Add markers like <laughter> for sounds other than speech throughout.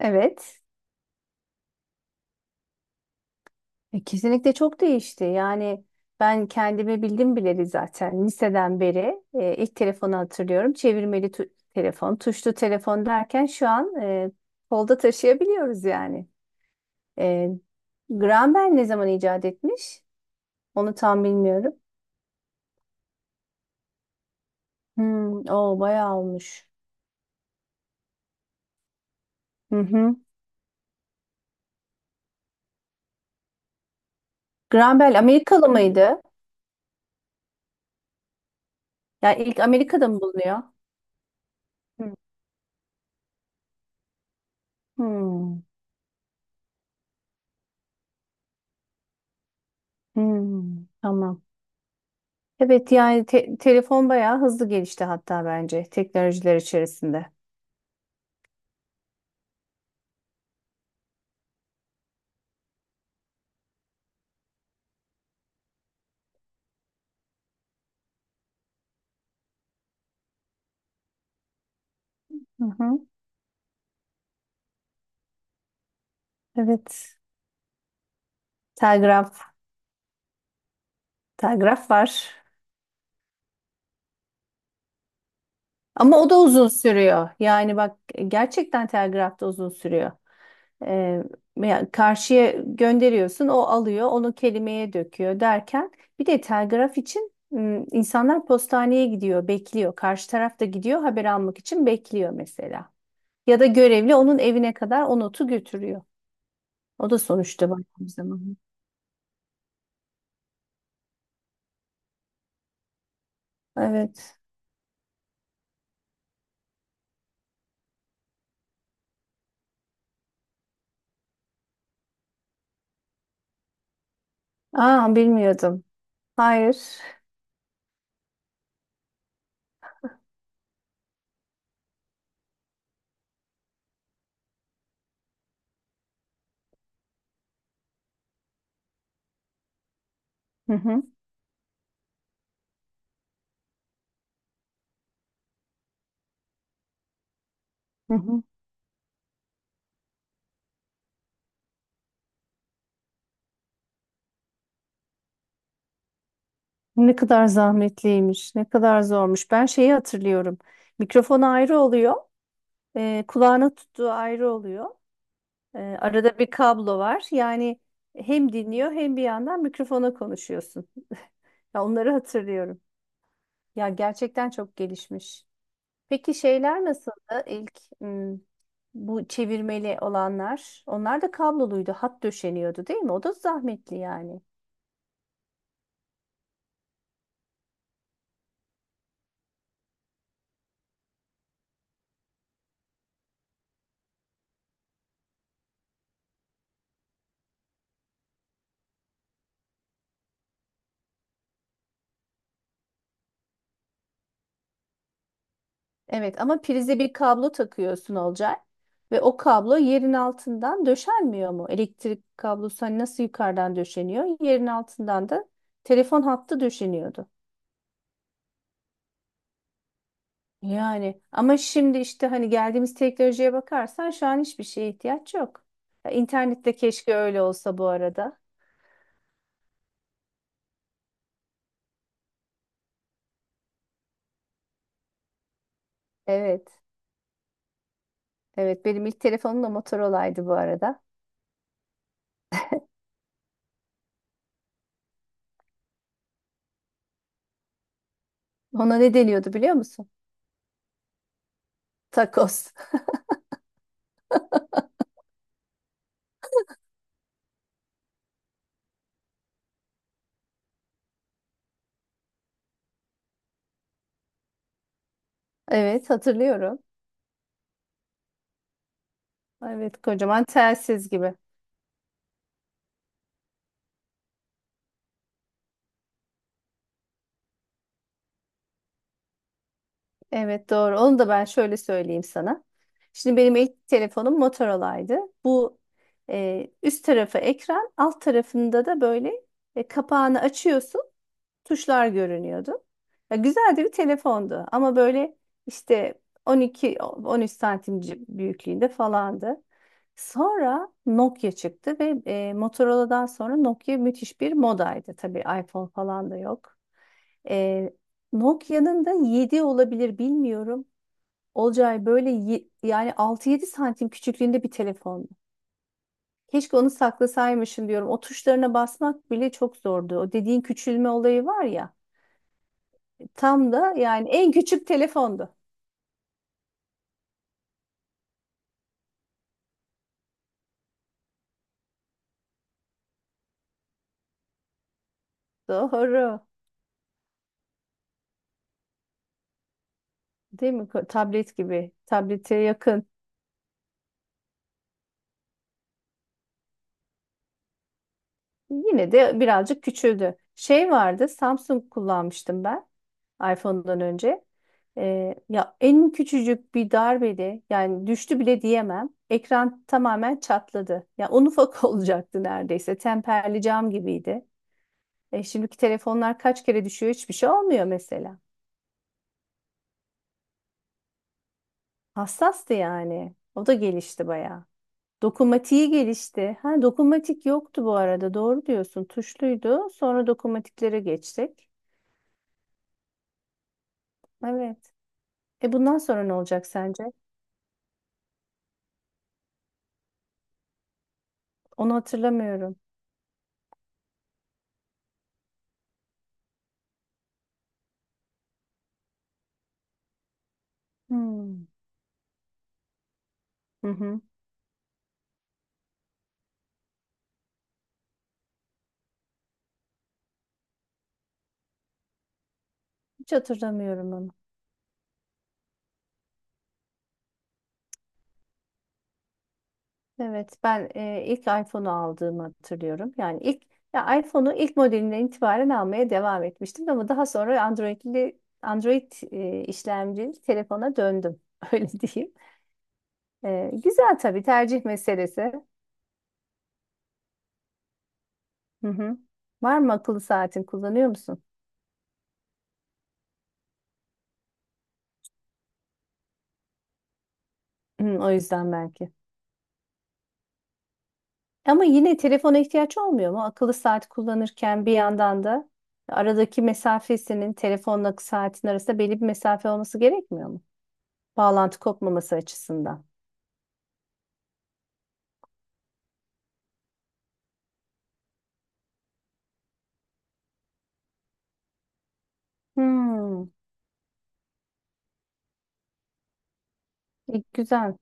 Evet, kesinlikle çok değişti. Yani ben kendimi bildim bileli zaten liseden beri ilk telefonu hatırlıyorum. Çevirmeli telefon, tuşlu telefon derken şu an kolda taşıyabiliyoruz yani. E, Graham Bell ne zaman icat etmiş? Onu tam bilmiyorum. Hmm, o bayağı olmuş. Hı hı. Graham Bell Amerikalı mıydı? Yani ilk Amerika'da mı bulunuyor? Hı. Hmm, hmm, tamam. Evet, yani telefon bayağı hızlı gelişti, hatta bence teknolojiler içerisinde. Hı hı. Evet. Telgraf. Telgraf var. Ama o da uzun sürüyor. Yani bak, gerçekten telgraf da uzun sürüyor. Ee, Yani karşıya gönderiyorsun, o alıyor, onu kelimeye döküyor derken bir de telgraf için insanlar postaneye gidiyor, bekliyor. Karşı taraf da gidiyor, haber almak için bekliyor mesela. Ya da görevli onun evine kadar o notu götürüyor. O da sonuçta baktığım zaman. Evet. Aa, bilmiyordum. Hayır. Hı hı, hı hı. Ne kadar zahmetliymiş, ne kadar zormuş. Ben şeyi hatırlıyorum. Mikrofon ayrı oluyor, kulağına tuttuğu ayrı oluyor. Arada bir kablo var. Yani hem dinliyor hem bir yandan mikrofona konuşuyorsun. Ya, onları hatırlıyorum. Ya, gerçekten çok gelişmiş. Peki şeyler nasıldı ilk, bu çevirmeli olanlar? Onlar da kabloluydu. Hat döşeniyordu değil mi? O da zahmetli yani. Evet, ama prize bir kablo takıyorsun Olcay. Ve o kablo yerin altından döşenmiyor mu? Elektrik kablosu hani nasıl yukarıdan döşeniyor? Yerin altından da telefon hattı döşeniyordu. Yani ama şimdi işte hani geldiğimiz teknolojiye bakarsan şu an hiçbir şeye ihtiyaç yok. Ya, İnternette keşke öyle olsa bu arada. Evet. Evet, benim ilk telefonum da Motorola'ydı bu arada. Ona ne deniyordu biliyor musun? Takos. <laughs> Evet, hatırlıyorum. Evet, kocaman telsiz gibi. Evet, doğru. Onu da ben şöyle söyleyeyim sana. Şimdi benim ilk telefonum Motorola'ydı. Bu üst tarafı ekran, alt tarafında da böyle kapağını açıyorsun. Tuşlar görünüyordu. Ya, güzel de bir telefondu ama böyle işte 12-13 santim büyüklüğünde falandı. Sonra Nokia çıktı ve Motorola'dan sonra Nokia müthiş bir modaydı. Tabii iPhone falan da yok. E, Nokia'nın da 7 olabilir bilmiyorum. Olcay, böyle yani 6-7 santim küçüklüğünde bir telefondu. Keşke onu saklasaymışım diyorum. O tuşlarına basmak bile çok zordu. O dediğin küçülme olayı var ya. Tam da yani en küçük telefondu. Doğru. Değil mi? Tablet gibi. Tablete yakın. Yine de birazcık küçüldü. Şey vardı. Samsung kullanmıştım ben. iPhone'dan önce. Ya en küçücük bir darbede yani düştü bile diyemem. Ekran tamamen çatladı. Ya un ufak <laughs> olacaktı neredeyse. Temperli cam gibiydi. Şimdiki telefonlar kaç kere düşüyor, hiçbir şey olmuyor mesela. Hassastı yani. O da gelişti bayağı. Dokunmatiği gelişti. Ha, dokunmatik yoktu bu arada. Doğru diyorsun. Tuşluydu. Sonra dokunmatiklere geçtik. Evet. Bundan sonra ne olacak sence? Onu hatırlamıyorum. Hmm. Hı hı. Hiç hatırlamıyorum onu. Evet, ben ilk iPhone'u aldığımı hatırlıyorum. Yani ilk, ya iPhone'u ilk modelinden itibaren almaya devam etmiştim ama daha sonra Android işlemcili telefona döndüm. <laughs> Öyle diyeyim. Güzel, tabii tercih meselesi. Hı hı. Var mı akıllı saatin, kullanıyor musun? Hı, o yüzden belki. Ama yine telefona ihtiyaç olmuyor mu? Akıllı saat kullanırken bir yandan da aradaki mesafesinin telefonla saatin arasında belli bir mesafe olması gerekmiyor mu? Bağlantı kopmaması açısından. Hmm, iyi, güzel.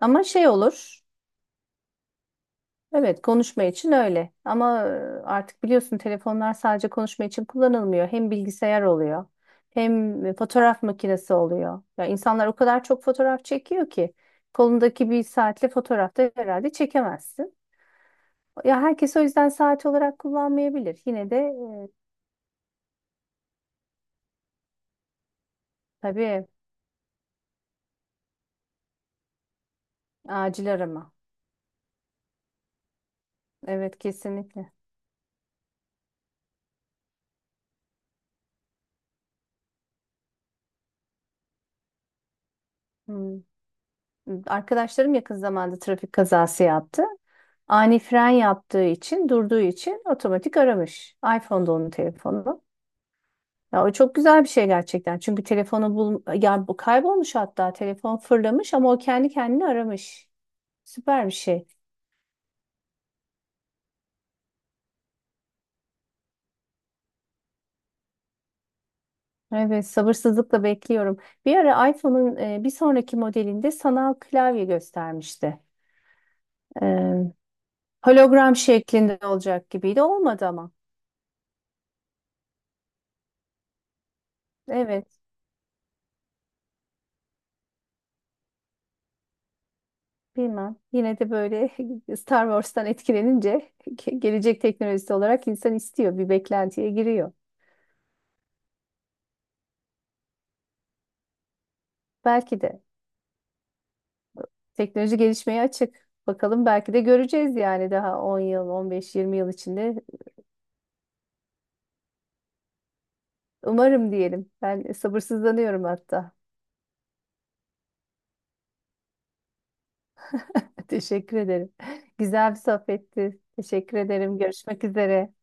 Ama şey olur. Evet, konuşma için öyle. Ama artık biliyorsun, telefonlar sadece konuşma için kullanılmıyor. Hem bilgisayar oluyor, hem fotoğraf makinesi oluyor. Ya, insanlar o kadar çok fotoğraf çekiyor ki kolundaki bir saatle fotoğrafta herhalde çekemezsin. Ya, herkes o yüzden saat olarak kullanmayabilir. Yine de tabii acil arama. Evet, kesinlikle. Hmm. Arkadaşlarım yakın zamanda trafik kazası yaptı. Ani fren yaptığı için, durduğu için otomatik aramış. iPhone'da onun telefonu. Ya, o çok güzel bir şey gerçekten. Çünkü telefonu bul ya, bu kaybolmuş, hatta telefon fırlamış ama o kendi kendini aramış. Süper bir şey. Evet, sabırsızlıkla bekliyorum. Bir ara iPhone'un bir sonraki modelinde sanal klavye göstermişti. E, hologram şeklinde olacak gibiydi. Olmadı ama. Evet. Bilmem. Yine de böyle <laughs> Star Wars'tan etkilenince gelecek teknolojisi olarak insan istiyor. Bir beklentiye giriyor. Belki de teknoloji gelişmeye açık. Bakalım, belki de göreceğiz yani daha 10 yıl, 15-20 yıl içinde. Umarım diyelim. Ben sabırsızlanıyorum hatta. <laughs> Teşekkür ederim. Güzel bir sohbetti. Teşekkür ederim. Görüşmek üzere.